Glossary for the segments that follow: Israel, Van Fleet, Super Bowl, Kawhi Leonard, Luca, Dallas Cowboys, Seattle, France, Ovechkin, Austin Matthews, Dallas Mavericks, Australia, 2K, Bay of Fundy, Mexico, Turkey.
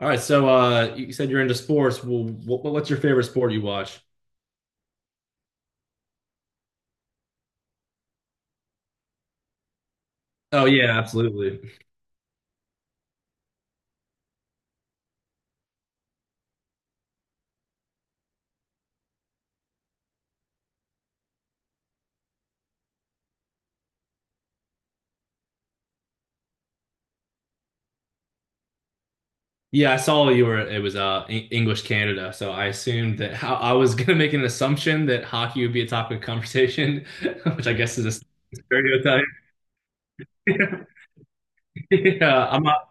All right, you said you're into sports. Well, what's your favorite sport you watch? Oh yeah, absolutely. Yeah, I saw you were. It was English Canada, so I assumed that how I was gonna make an assumption that hockey would be a topic of conversation, which I guess is a stereotype. Yeah, I'm not.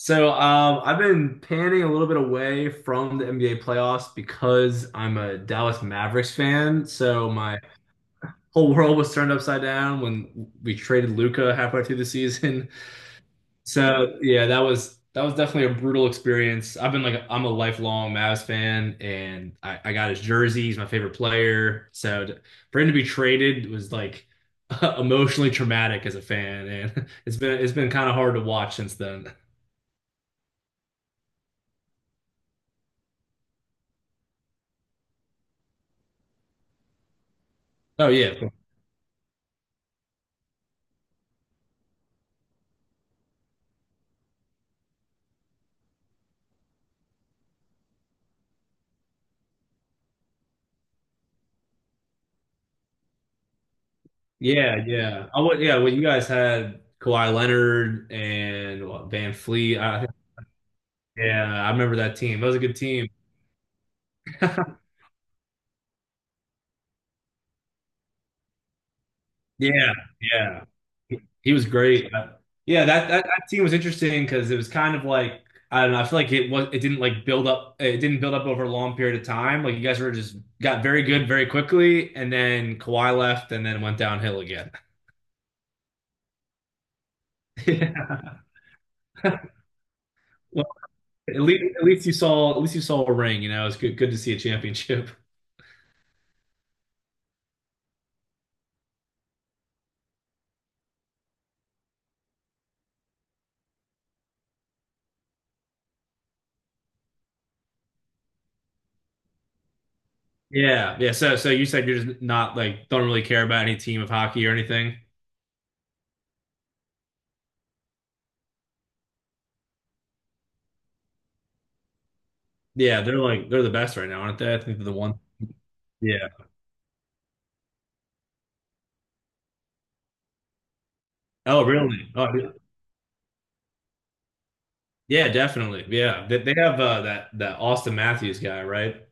So I've been panning a little bit away from the NBA playoffs because I'm a Dallas Mavericks fan. So my whole world was turned upside down when we traded Luca halfway through the season. So yeah, that was definitely a brutal experience. I've been like I'm a lifelong Mavs fan, and I got his jersey. He's my favorite player. For him to be traded was like emotionally traumatic as a fan, and it's been kind of hard to watch since then. Oh yeah, yeah, yeah. I would, yeah. Well, you guys had Kawhi Leonard and what, Van Fleet. Yeah, I remember that team. That was a good team. Yeah, yeah. He was great. Yeah, that, that team was interesting because it was kind of like I don't know. I feel like it was it didn't like build up. It didn't build up over a long period of time. Like you guys were just got very good very quickly, and then Kawhi left, and then went downhill again. Yeah. Well, at least you saw a ring. You know, it's good to see a championship. Yeah, yeah. So you said you're just not like don't really care about any team of hockey or anything. Yeah, they're like they're the best right now, aren't they? I think they're the one. Yeah. Oh, really? Oh, yeah, definitely. Yeah, they have that Austin Matthews guy, right?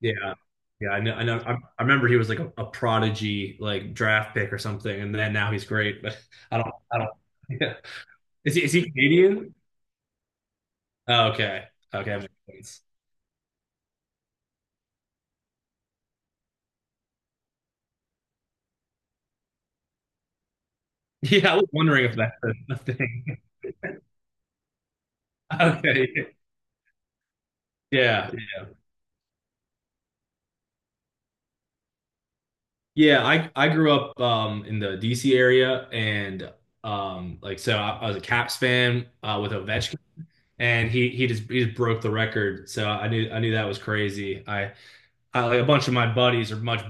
Yeah, yeah. I know. I know. I remember he was like a prodigy, like draft pick or something, and then now he's great. But I don't. I don't. Yeah. Is he Canadian? Oh, okay. Okay, that makes sense. Yeah, I was wondering if that's a thing. Okay. Yeah. Yeah, I grew up in the DC area and like so I was a Caps fan with Ovechkin and he just broke the record. So I knew that was crazy. I like a bunch of my buddies are much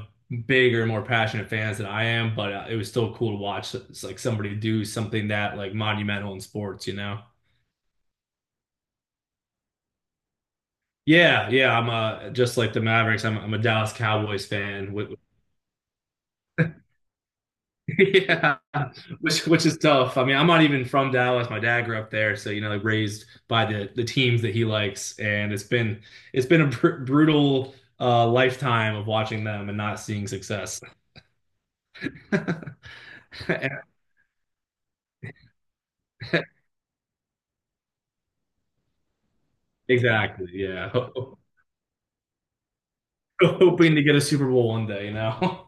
bigger, more passionate fans than I am, but it was still cool to watch. It's like somebody do something that like monumental in sports, you know? Yeah, yeah. I'm a just like the Mavericks. I'm a Dallas Cowboys fan with yeah, which is tough. I mean, I'm not even from Dallas. My dad grew up there, so you know, like raised by the teams that he likes, and it's been a br brutal lifetime of watching them and not seeing success. Exactly. Yeah, hoping to get a Super Bowl one day, you know.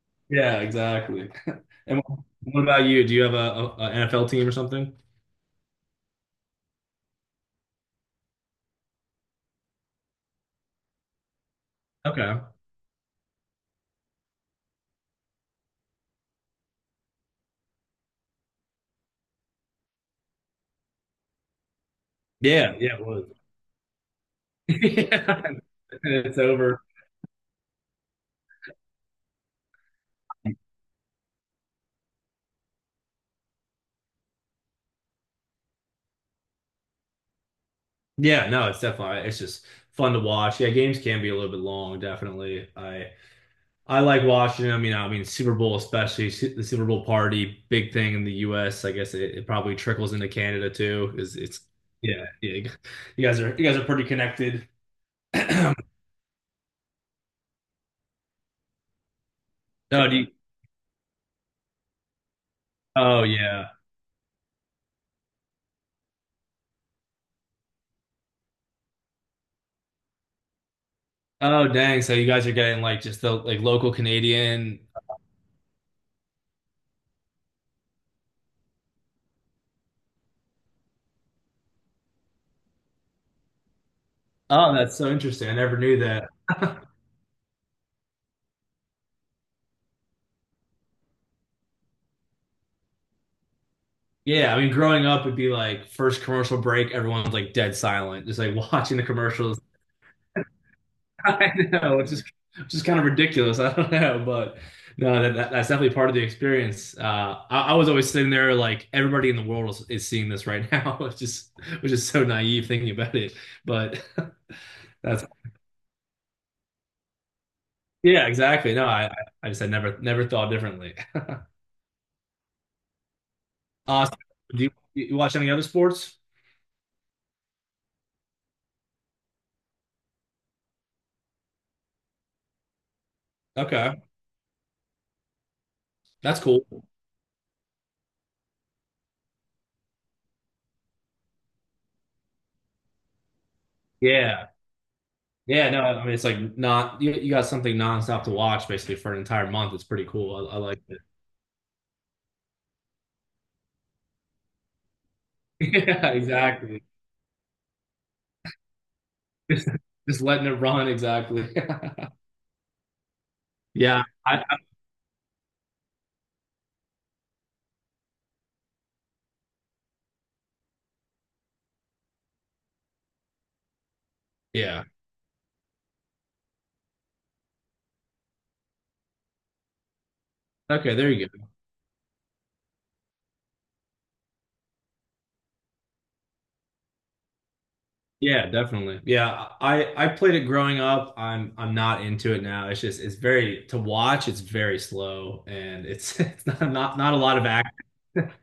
Yeah, exactly. And what about you? Do you have a NFL team or something? Okay. Yeah, yeah, it was. Yeah, it's over. Yeah, no, it's definitely it's just fun to watch. Yeah, games can be a little bit long, definitely. I like watching them, you know, I mean Super Bowl especially, the Super Bowl party, big thing in the US. I guess it probably trickles into Canada too. Is it's yeah, yeah. You guys are you guys are pretty connected. Oh, do you, oh yeah. Oh dang, so you guys are getting like just the like local Canadian. Oh, that's so interesting. I never knew that. Yeah, I mean, growing up would be like first commercial break, everyone's like dead silent, just like watching the commercials. I know it's just kind of ridiculous. I don't know, but no, that's definitely part of the experience. I was always sitting there like everybody in the world is seeing this right now. Which is so naive thinking about it. But that's yeah, exactly. No, I just had never thought differently. So you watch any other sports? Okay, that's cool. Yeah. Yeah, no, I mean it's like not you, you got something nonstop to watch basically for an entire month. It's pretty cool. I like it. Yeah, exactly. Just, just letting it run, exactly. Yeah, yeah. Okay, there you go. Yeah, definitely. Yeah, I played it growing up. I'm not into it now. It's very to watch. It's very slow and it's it's not not a lot of act.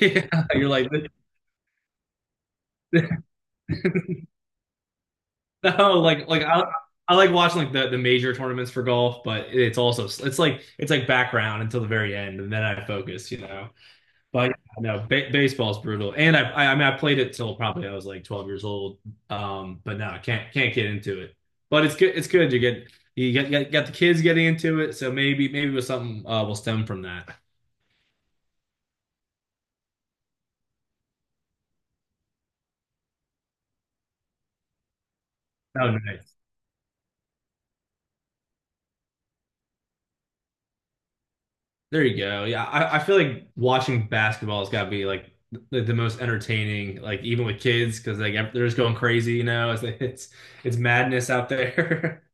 Yeah, you're like No, like I like watching like the major tournaments for golf, but it's also it's like background until the very end, and then I focus, you know. But yeah, no, baseball's brutal, and I mean I played it till probably I was like 12 years old, but no, I can't get into it. But it's good you get got the kids getting into it, so maybe it was something will stem from that. Oh, nice. There you go. Yeah, I feel like watching basketball has got to be like the most entertaining, like even with kids, because like they're just going crazy, you know. It's madness out there.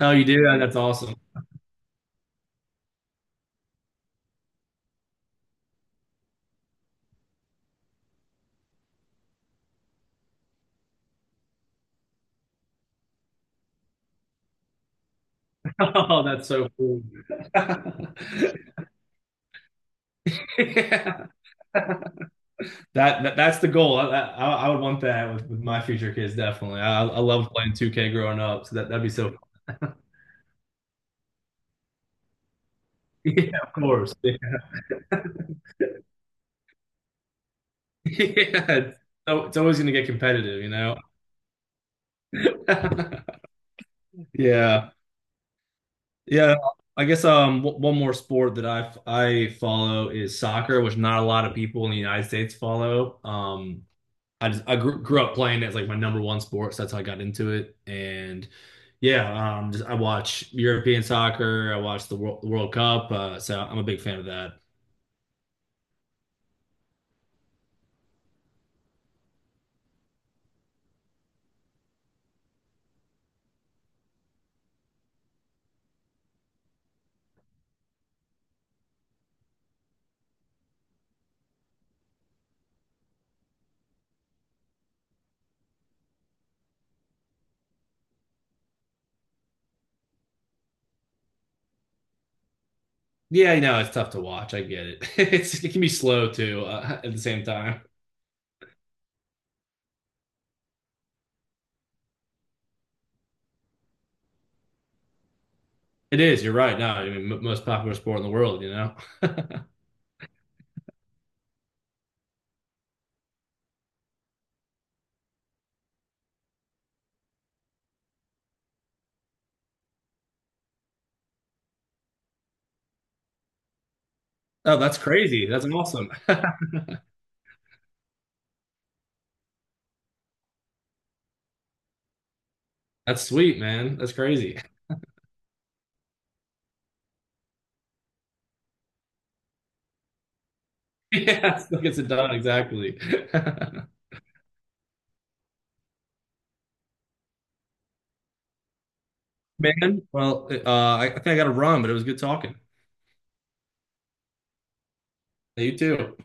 Oh, you do? That's awesome. Oh, that's so cool. Yeah. That's the goal. I would want that with my future kids definitely. I love playing 2K growing up, so that that'd be so. Yeah, of course. Yeah. Yeah. So it's always going to get competitive, you know. Yeah. Yeah, I guess one more sport that I follow is soccer, which not a lot of people in the United States follow. I just grew up playing it as like my number one sport, so that's how I got into it. And yeah, just I watch European soccer, I watch the World Cup, so I'm a big fan of that. Yeah, you know it's tough to watch. I get it. It's it can be slow too at the same time. It is. You're right. No, I mean m most popular sport in the world. You know. Oh, that's crazy. That's awesome. That's sweet, man. That's crazy. Yeah, still gets it done exactly. Man, well, I think I got to run, but it was good talking. You too.